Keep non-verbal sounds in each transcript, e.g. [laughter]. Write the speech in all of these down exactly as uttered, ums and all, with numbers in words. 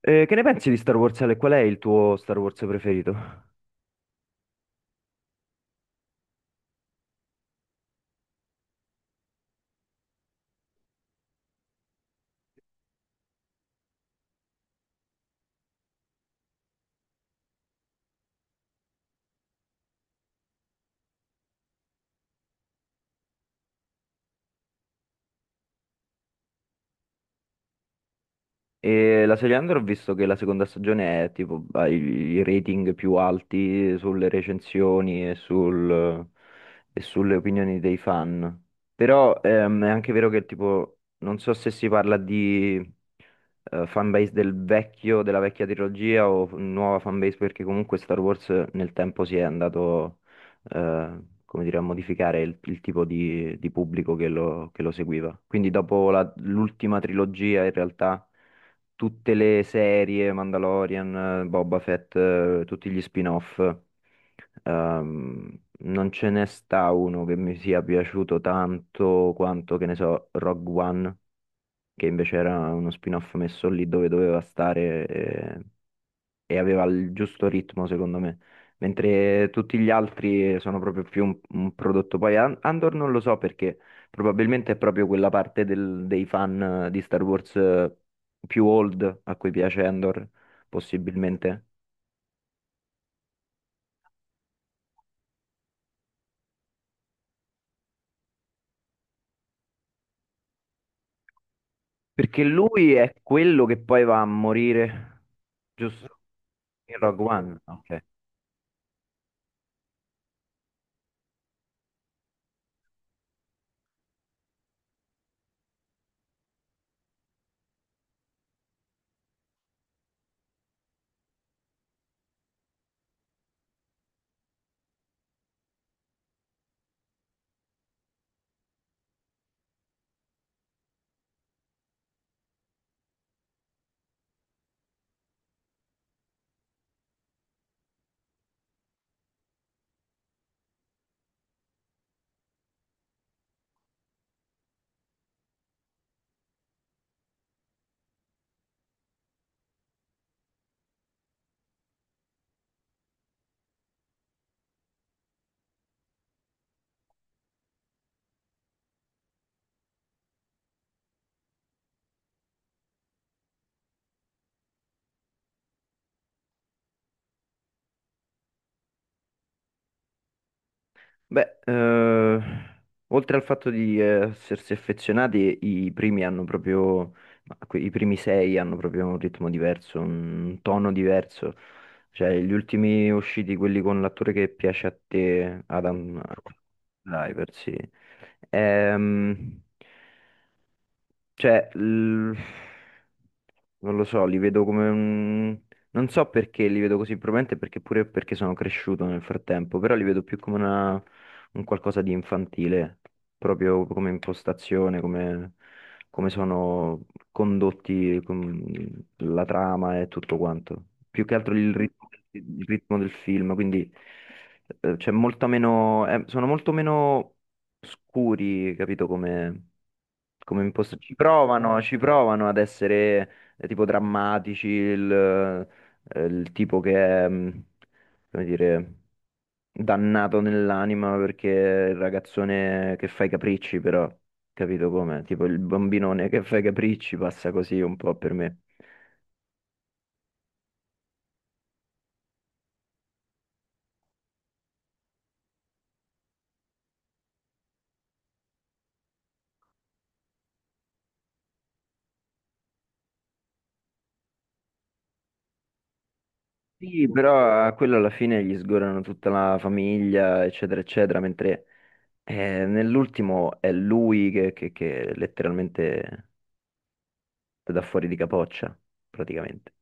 Eh, che ne pensi di Star Wars, Ale? Qual è il tuo Star Wars preferito? E la serie Under ho visto che la seconda stagione è tipo ha i i rating più alti sulle recensioni e, sul- e sulle opinioni dei fan. Però ehm, è anche vero che tipo non so se si parla di eh, fanbase del vecchio, della vecchia trilogia o f- nuova fanbase perché comunque Star Wars nel tempo si è andato eh, come dire, a modificare il, il tipo di, di pubblico che lo, che lo seguiva. Quindi dopo la- l'ultima trilogia in realtà tutte le serie, Mandalorian, eh, Boba Fett, eh, tutti gli spin-off. Ehm, Non ce ne sta uno che mi sia piaciuto tanto quanto, che ne so, Rogue One, che invece era uno spin-off messo lì dove doveva stare. Eh, e aveva il giusto ritmo, secondo me. Mentre tutti gli altri sono proprio più un, un prodotto. Poi An- Andor non lo so perché probabilmente è proprio quella parte del- dei fan eh, di Star Wars eh, più old a cui piace Andor, possibilmente. Perché lui è quello che poi va a morire, giusto? In Rogue One. Ok. Beh, eh, oltre al fatto di eh, essersi affezionati, i primi hanno proprio, ma que- i primi sei hanno proprio un ritmo diverso, un tono diverso. Cioè, gli ultimi usciti, quelli con l'attore che piace a te, Adam Driver, sì. Ehm, cioè, l- non lo so, li vedo come un... Non so perché li vedo così, probabilmente perché pure perché sono cresciuto nel frattempo, però li vedo più come una... un qualcosa di infantile, proprio come impostazione, come, come sono condotti con la trama e tutto quanto. Più che altro il ritmo, il ritmo del film, quindi eh, c'è molta meno... eh, sono molto meno scuri, capito come, come imposto. Ci provano, ci provano ad essere eh, tipo drammatici, il, eh, il tipo che è, mh, come dire, dannato nell'anima perché è il ragazzone che fa i capricci, però, capito come? Tipo il bambinone che fa i capricci passa così un po' per me. Sì, però a quello alla fine gli sgorano tutta la famiglia, eccetera, eccetera, mentre... Eh, nell'ultimo è lui che, che- che letteralmente te dà fuori di capoccia, praticamente.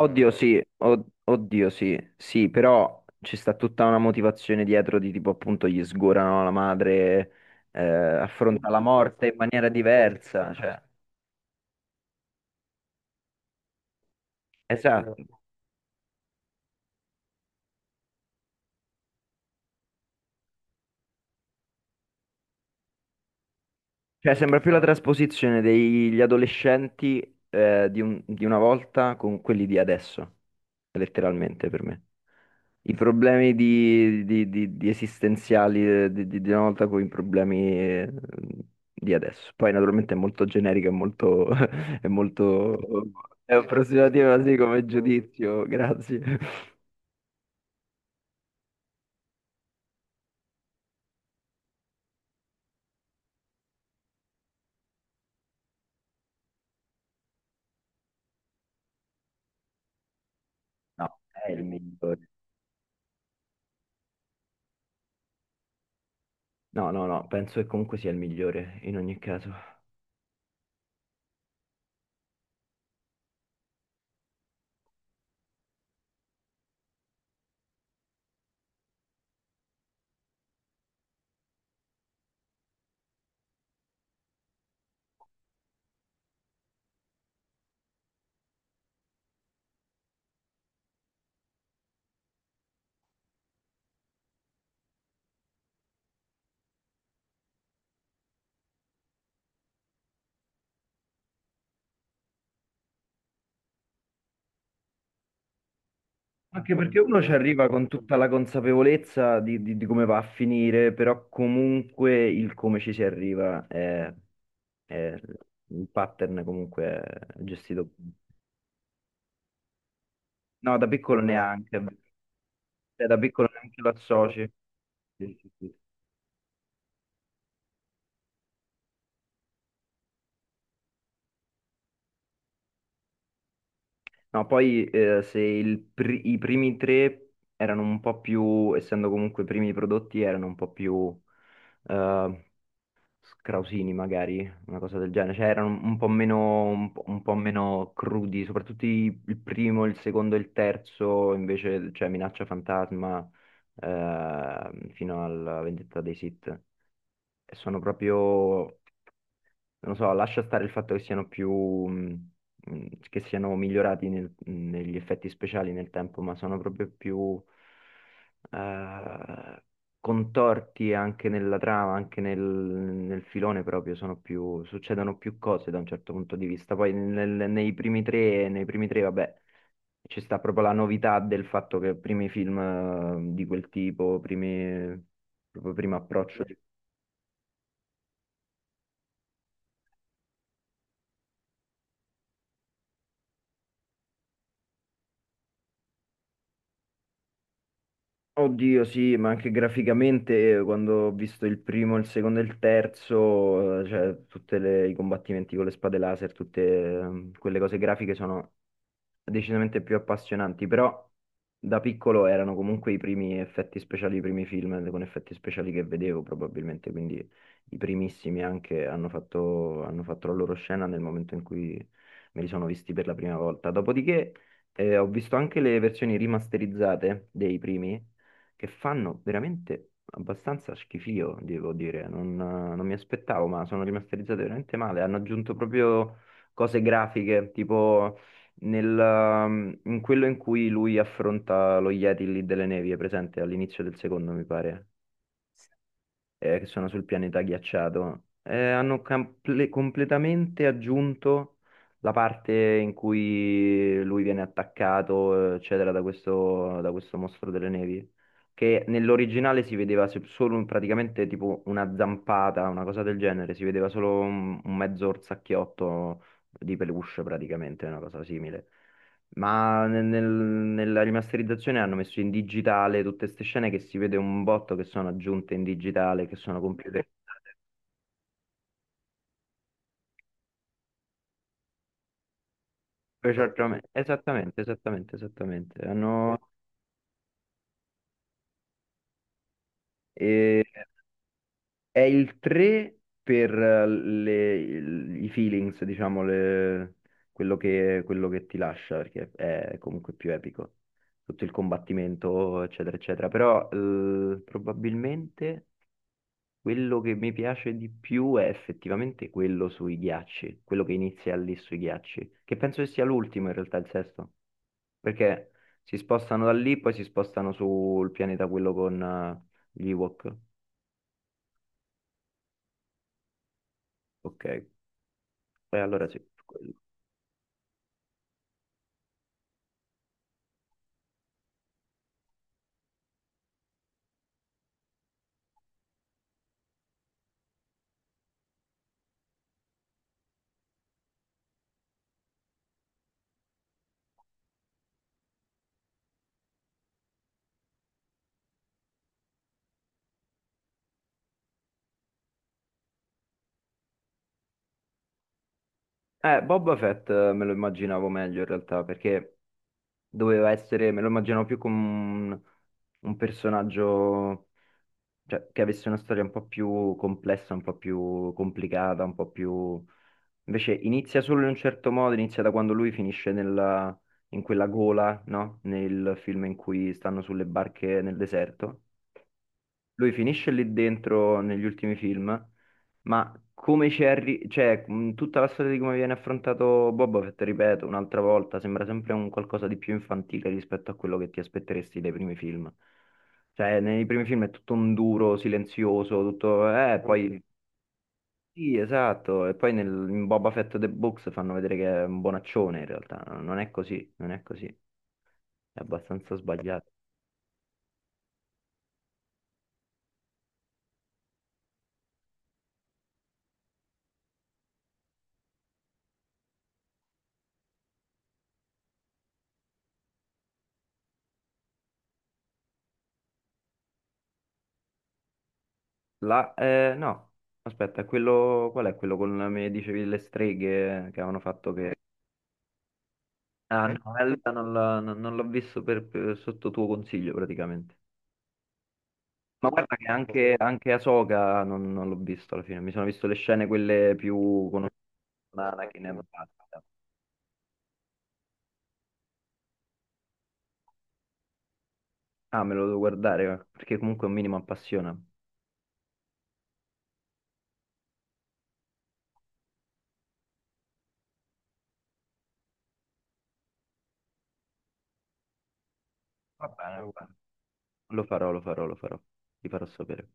Oddio. Mm. Sì, od- oddio sì, sì, però ci sta tutta una motivazione dietro di tipo appunto gli sgorano la madre, eh, affronta la appunto, morte in esatto, maniera appunto. Diversa, cioè, esatto. Esatto, cioè, sembra più la trasposizione degli adolescenti eh, di un- di una volta con quelli di adesso, letteralmente per me. I problemi di, di- di- di esistenziali eh, di, di- di una volta con i problemi eh, di adesso. Poi naturalmente è molto generico, è molto, [laughs] è molto, è approssimativo così come giudizio, grazie. No, è il migliore. No, no, no, penso che comunque sia il migliore in ogni caso. Anche perché uno ci arriva con tutta la consapevolezza di, di- di come va a finire, però comunque il come ci si arriva è, è un pattern comunque è gestito bene. No, da piccolo neanche, cioè, da piccolo neanche lo associ. Sì, sì, sì. No, poi eh, se il pri- i primi tre erano un po' più, essendo comunque i primi prodotti, erano un po' più eh, Krausini magari, una cosa del genere, cioè erano un po' meno, un po', un po' meno crudi, soprattutto i- il primo, il secondo e il terzo, invece c'è Minaccia Fantasma eh, fino alla Vendetta dei Sith, e sono proprio non so, lascia stare il fatto che siano più, mh, mh, che siano migliorati nel- negli effetti speciali nel tempo, ma sono proprio più eh, contorti anche nella trama, anche nel, nel filone proprio, sono più, succedono più cose da un certo punto di vista. Poi nel- nei primi tre, nei primi tre, vabbè, ci sta proprio la novità del fatto che primi film eh, di quel tipo, primi, proprio primo approccio. Oddio, sì, ma anche graficamente eh, quando ho visto il primo, il secondo e il terzo, eh, cioè tutti i combattimenti con le spade laser, tutte eh, quelle cose grafiche sono decisamente più appassionanti, però da piccolo erano comunque i primi effetti speciali, i primi film con effetti speciali che vedevo probabilmente, quindi i primissimi anche hanno fatto, hanno fatto la loro scena nel momento in cui me li sono visti per la prima volta. Dopodiché eh, ho visto anche le versioni rimasterizzate dei primi che fanno veramente abbastanza schifio, devo dire. Non, non mi aspettavo, ma sono rimasterizzate veramente male. Hanno aggiunto proprio cose grafiche, tipo nel, um, in quello in cui lui affronta lo Yeti lì delle nevi, è presente all'inizio del secondo, mi pare eh, che sono sul pianeta ghiacciato, eh, hanno comple- completamente aggiunto la parte in cui lui viene attaccato, eccetera, da questo, da questo mostro delle nevi, che nell'originale si vedeva se- solo un- praticamente tipo una zampata, una cosa del genere, si vedeva solo un, un mezzo orsacchiotto di peluche praticamente, una cosa simile. Ma nel- nel- nella rimasterizzazione hanno messo in digitale tutte queste scene che si vede un botto che sono aggiunte in digitale, che sono computer. Esattamente, esattamente, esattamente, esattamente. Hanno- eh, è il tre per eh, le- il- i feelings, diciamo, le- quello che, quello che ti lascia, perché è comunque più epico. Tutto il combattimento, eccetera, eccetera. Però eh, probabilmente... Quello che mi piace di più è effettivamente quello sui ghiacci, quello che inizia lì sui ghiacci, che penso che sia l'ultimo in realtà, il sesto, perché si spostano da lì, poi si spostano sul pianeta quello con eh, gli Ewok. Ok, e allora sì, quello. Eh, Boba Fett eh, me lo immaginavo meglio in realtà, perché doveva essere, me lo immaginavo più come un, un personaggio cioè, che avesse una storia un po' più complessa, un po' più complicata, un po' più... Invece inizia solo in un certo modo, inizia da quando lui finisce nella- in quella gola, no? Nel film in cui stanno sulle barche nel deserto lui finisce lì dentro negli ultimi film, ma come ci è arri- cioè, mh, tutta la storia di come viene affrontato Boba Fett, ripeto, un'altra volta, sembra sempre un qualcosa di più infantile rispetto a quello che ti aspetteresti dai primi film. Cioè, nei primi film è tutto un duro, silenzioso, tutto... Eh, poi... Sì. Sì, esatto. E poi nel, in Boba Fett The Books fanno vedere che è un bonaccione, in realtà. Non è così, non è così. È abbastanza sbagliato. La, eh, no, aspetta, quello, qual è quello con, mi dicevi, le streghe che avevano fatto che... Ah, eh? No, allora non l'ho non- non l'ho visto per- per- sotto tuo consiglio praticamente. Ma guarda che anche, anche Ahsoka non, non l'ho visto alla fine, mi sono visto le scene quelle più conosciute da Anakin e basta. Ah, me lo devo guardare, eh, perché comunque un minimo appassiona. Va bene, va bene. Lo farò, lo farò, lo farò, ti farò sapere.